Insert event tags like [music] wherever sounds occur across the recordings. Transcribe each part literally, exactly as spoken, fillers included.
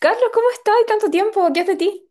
Carlos, ¿cómo estás? ¿Tanto tiempo? ¿Qué es de ti?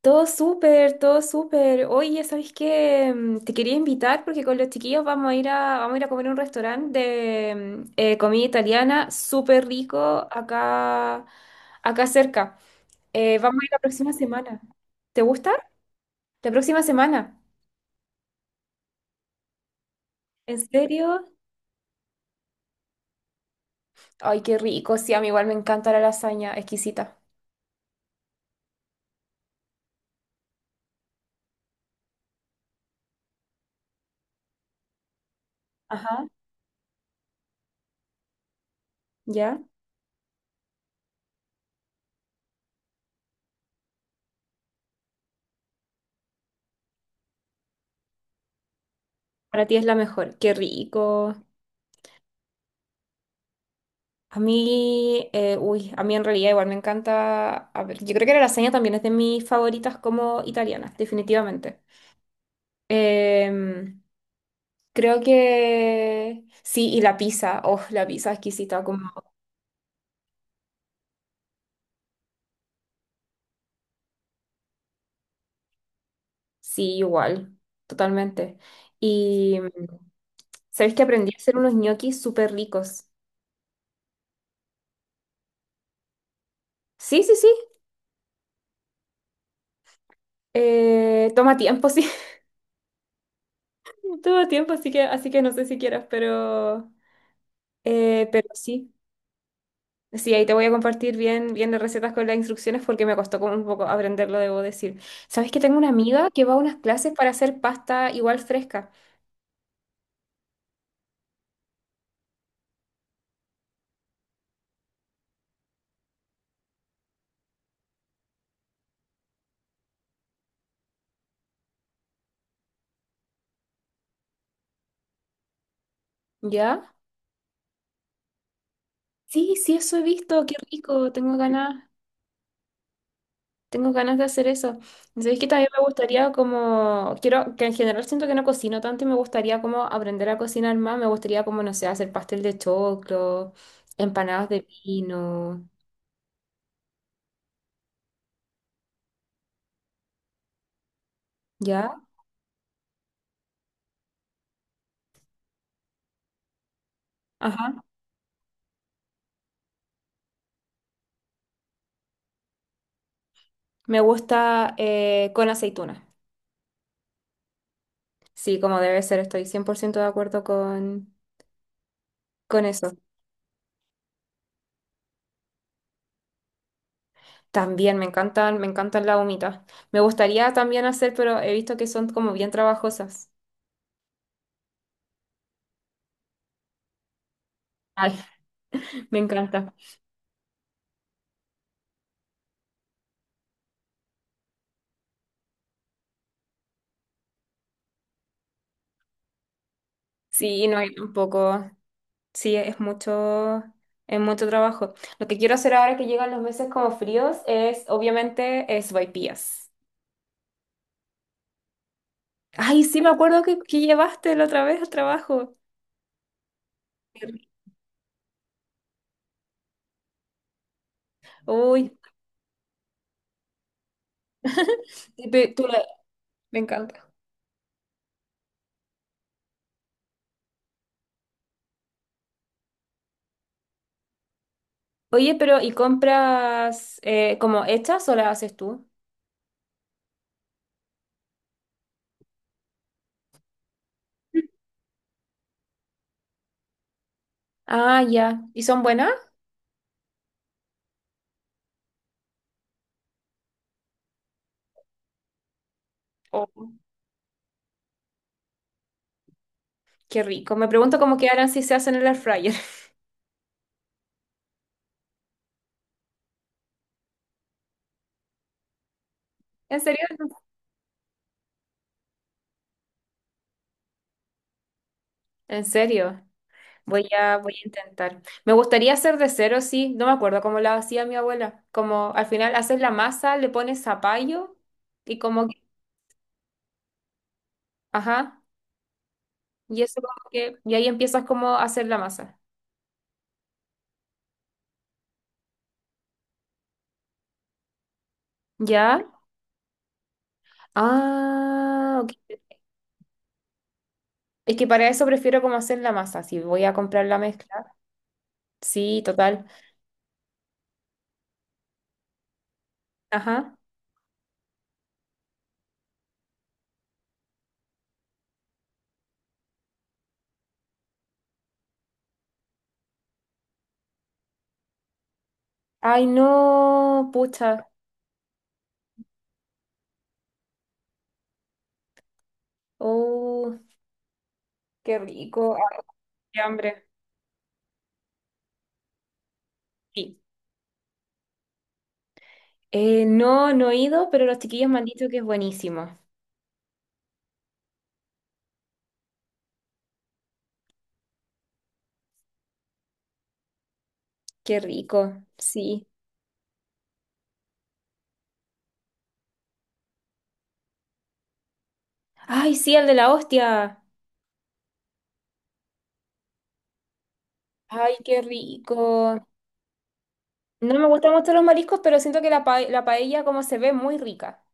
Todo súper, todo súper. Oye, ¿sabes qué? Mm, Te quería invitar porque con los chiquillos vamos a ir a, vamos a ir a comer a un restaurante de mm, eh, comida italiana súper rico acá, acá cerca. Eh, vamos a ir la próxima semana. ¿Te gusta? La próxima semana. ¿En serio? Ay, qué rico. Sí, a mí igual me encanta la lasaña, exquisita. Ajá. ¿Ya? Para ti es la mejor. Qué rico. A mí, eh, uy, a mí en realidad igual me encanta. A ver, yo creo que la lasaña también es de mis favoritas como italianas, definitivamente. Em, Creo que sí, y la pizza, oh, la pizza exquisita, como sí, igual, totalmente. Y sabéis que aprendí a hacer unos ñoquis súper ricos. Sí, sí, sí. eh, toma tiempo, sí, [laughs] toma tiempo, así que, así que no sé si quieras, pero, eh, pero sí. Sí, ahí te voy a compartir bien, bien las recetas con las instrucciones porque me costó como un poco aprenderlo, debo decir. ¿Sabes que tengo una amiga que va a unas clases para hacer pasta igual fresca? ¿Ya? Sí, sí, eso he visto, qué rico, tengo ganas, tengo ganas de hacer eso. ¿Sabes que también me gustaría como, quiero, que en general siento que no cocino tanto y me gustaría como aprender a cocinar más, me gustaría como, no sé, hacer pastel de choclo, empanadas de pino, ¿ya? Ajá. Me gusta eh, con aceituna. Sí, como debe ser, estoy cien por ciento de acuerdo con, con eso. También me encantan, me encantan las humitas. Me gustaría también hacer, pero he visto que son como bien trabajosas. Ay, [laughs] me encanta. Sí, no hay tampoco. Sí, es mucho, es mucho trabajo. Lo que quiero hacer ahora que llegan los meses como fríos es, obviamente, es sopaipillas. Ay, sí, me acuerdo que, que llevaste la otra vez al trabajo. Uy, y pe- tú la- me encanta. Oye, pero ¿y compras eh, como hechas o las haces tú? Ah, ya. ¿Y son buenas? Oh, qué rico. Me pregunto cómo quedarán si se hacen en el air fryer. [laughs] ¿En serio? ¿En serio? Voy a, voy a intentar. Me gustaría hacer de cero, sí. No me acuerdo cómo la hacía mi abuela. Como al final haces la masa, le pones zapallo y como que, ajá. Y eso como que, y ahí empiezas como a hacer la masa. ¿Ya? Ah, ok. Es que para eso prefiero como hacer la masa. Si voy a comprar la mezcla. Sí, total. Ajá. Ay, no, pucha. Oh, qué rico. Ay, qué hambre. Sí. Eh, no, no he ido, pero los chiquillos me han dicho que es buenísimo. Qué rico, sí. Ay, sí, el de la hostia. Ay, qué rico. No me gustan mucho los mariscos, pero siento que la, pa- la paella como se ve muy rica.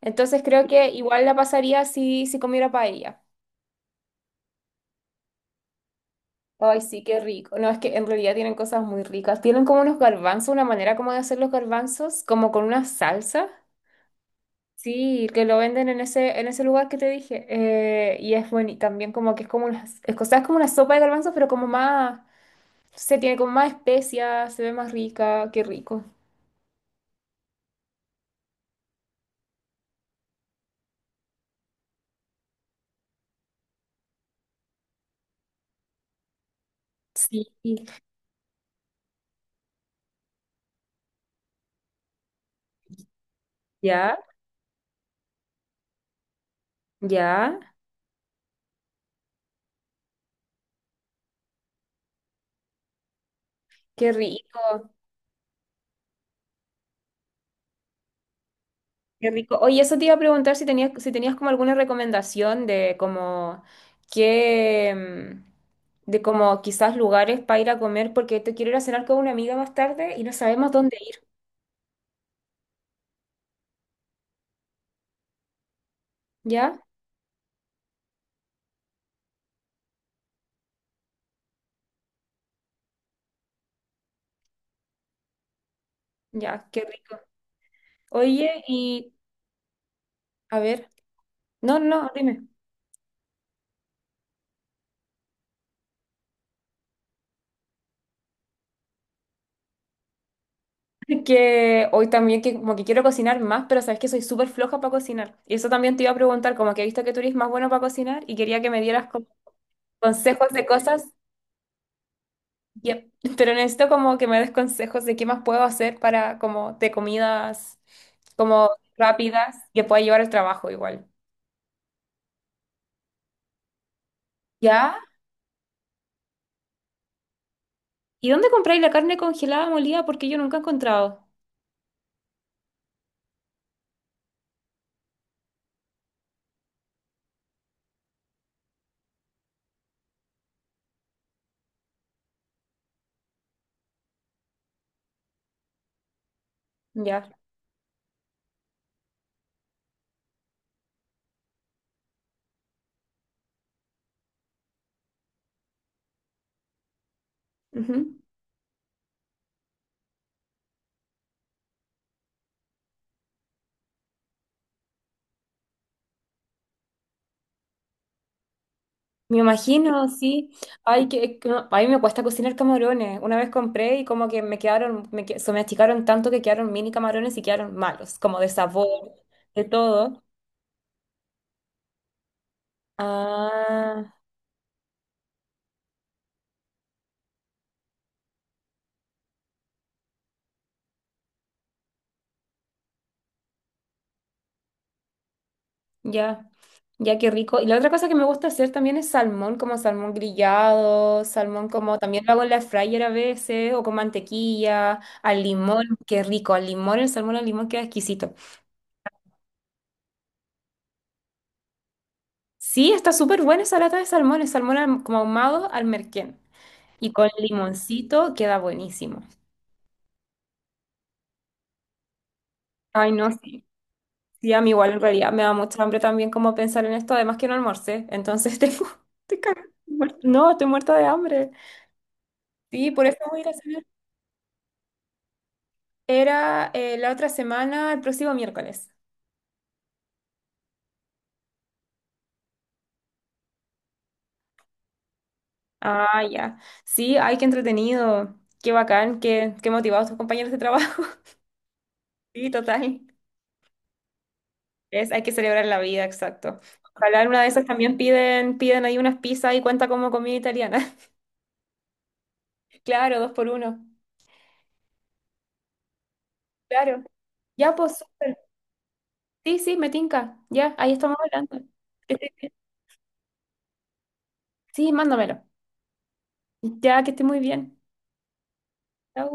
Entonces creo que igual la pasaría si, si comiera paella. Ay, sí, qué rico. No, es que en realidad tienen cosas muy ricas. Tienen como unos garbanzos, una manera como de hacer los garbanzos, como con una salsa. Sí, que lo venden en ese, en ese lugar que te dije. Eh, y es bueno, y también como que es como una, es, cosa- es como una sopa de garbanzos, pero como más, se tiene como más especias, se ve más rica, qué rico. Sí, ya, ya, qué rico. Qué rico. Oye, eso te iba a preguntar si tenías, si tenías como alguna recomendación de como qué, mm, de como quizás lugares para ir a comer, porque te quiero ir a cenar con una amiga más tarde y no sabemos dónde ir. ¿Ya? Ya, qué rico. Oye, y a ver, no, no, dime. [laughs] Que hoy también que como que quiero cocinar más, pero sabes que soy súper floja para cocinar. Y eso también te iba a preguntar, como que he visto que tú eres más bueno para cocinar y quería que me dieras como consejos de cosas. Yep. [laughs] Pero necesito como que me des consejos de qué más puedo hacer para como de comidas como rápidas que pueda llevar al trabajo igual. ¿Ya? ¿Y dónde compráis la carne congelada molida? Porque yo nunca he encontrado. Ya. Ujú. Me imagino, sí. Ay, que, que no- a mí me cuesta cocinar camarones. Una vez compré y como que me quedaron, me, que- se me achicaron tanto que quedaron mini camarones y quedaron malos, como de sabor, de todo. Ah. Ya, ya qué rico. Y la otra cosa que me gusta hacer también es salmón, como salmón grillado, salmón como también lo hago en la fryer a veces, o con mantequilla, al limón, qué rico, al limón, el salmón al limón queda exquisito. Sí, está súper buena esa lata de salmón, el salmón ahum- como ahumado al merquén. Y con limoncito queda buenísimo. Ay, no, sí. Sí, a mí igual en realidad me da mucha hambre también como pensar en esto, además que no almorcé, entonces tengo... [laughs] estoy cagada, muerta- No, estoy muerta de hambre. Sí, por eso voy a ir a hacer. Era eh, la otra semana, el próximo miércoles. Ah, ya. Sí, ay, qué entretenido. Qué bacán, qué, qué motivados tus compañeros de trabajo. [laughs] Sí, total. Es, hay que celebrar la vida, exacto. Ojalá en una de esas también piden, piden ahí unas pizzas y cuenta como comida italiana. [laughs] Claro, dos por uno. Claro. Ya, pues, súper. Sí, sí, me tinca. Ya, ahí estamos hablando. Que esté- Sí, mándamelo. Ya, que esté muy bien. Chau.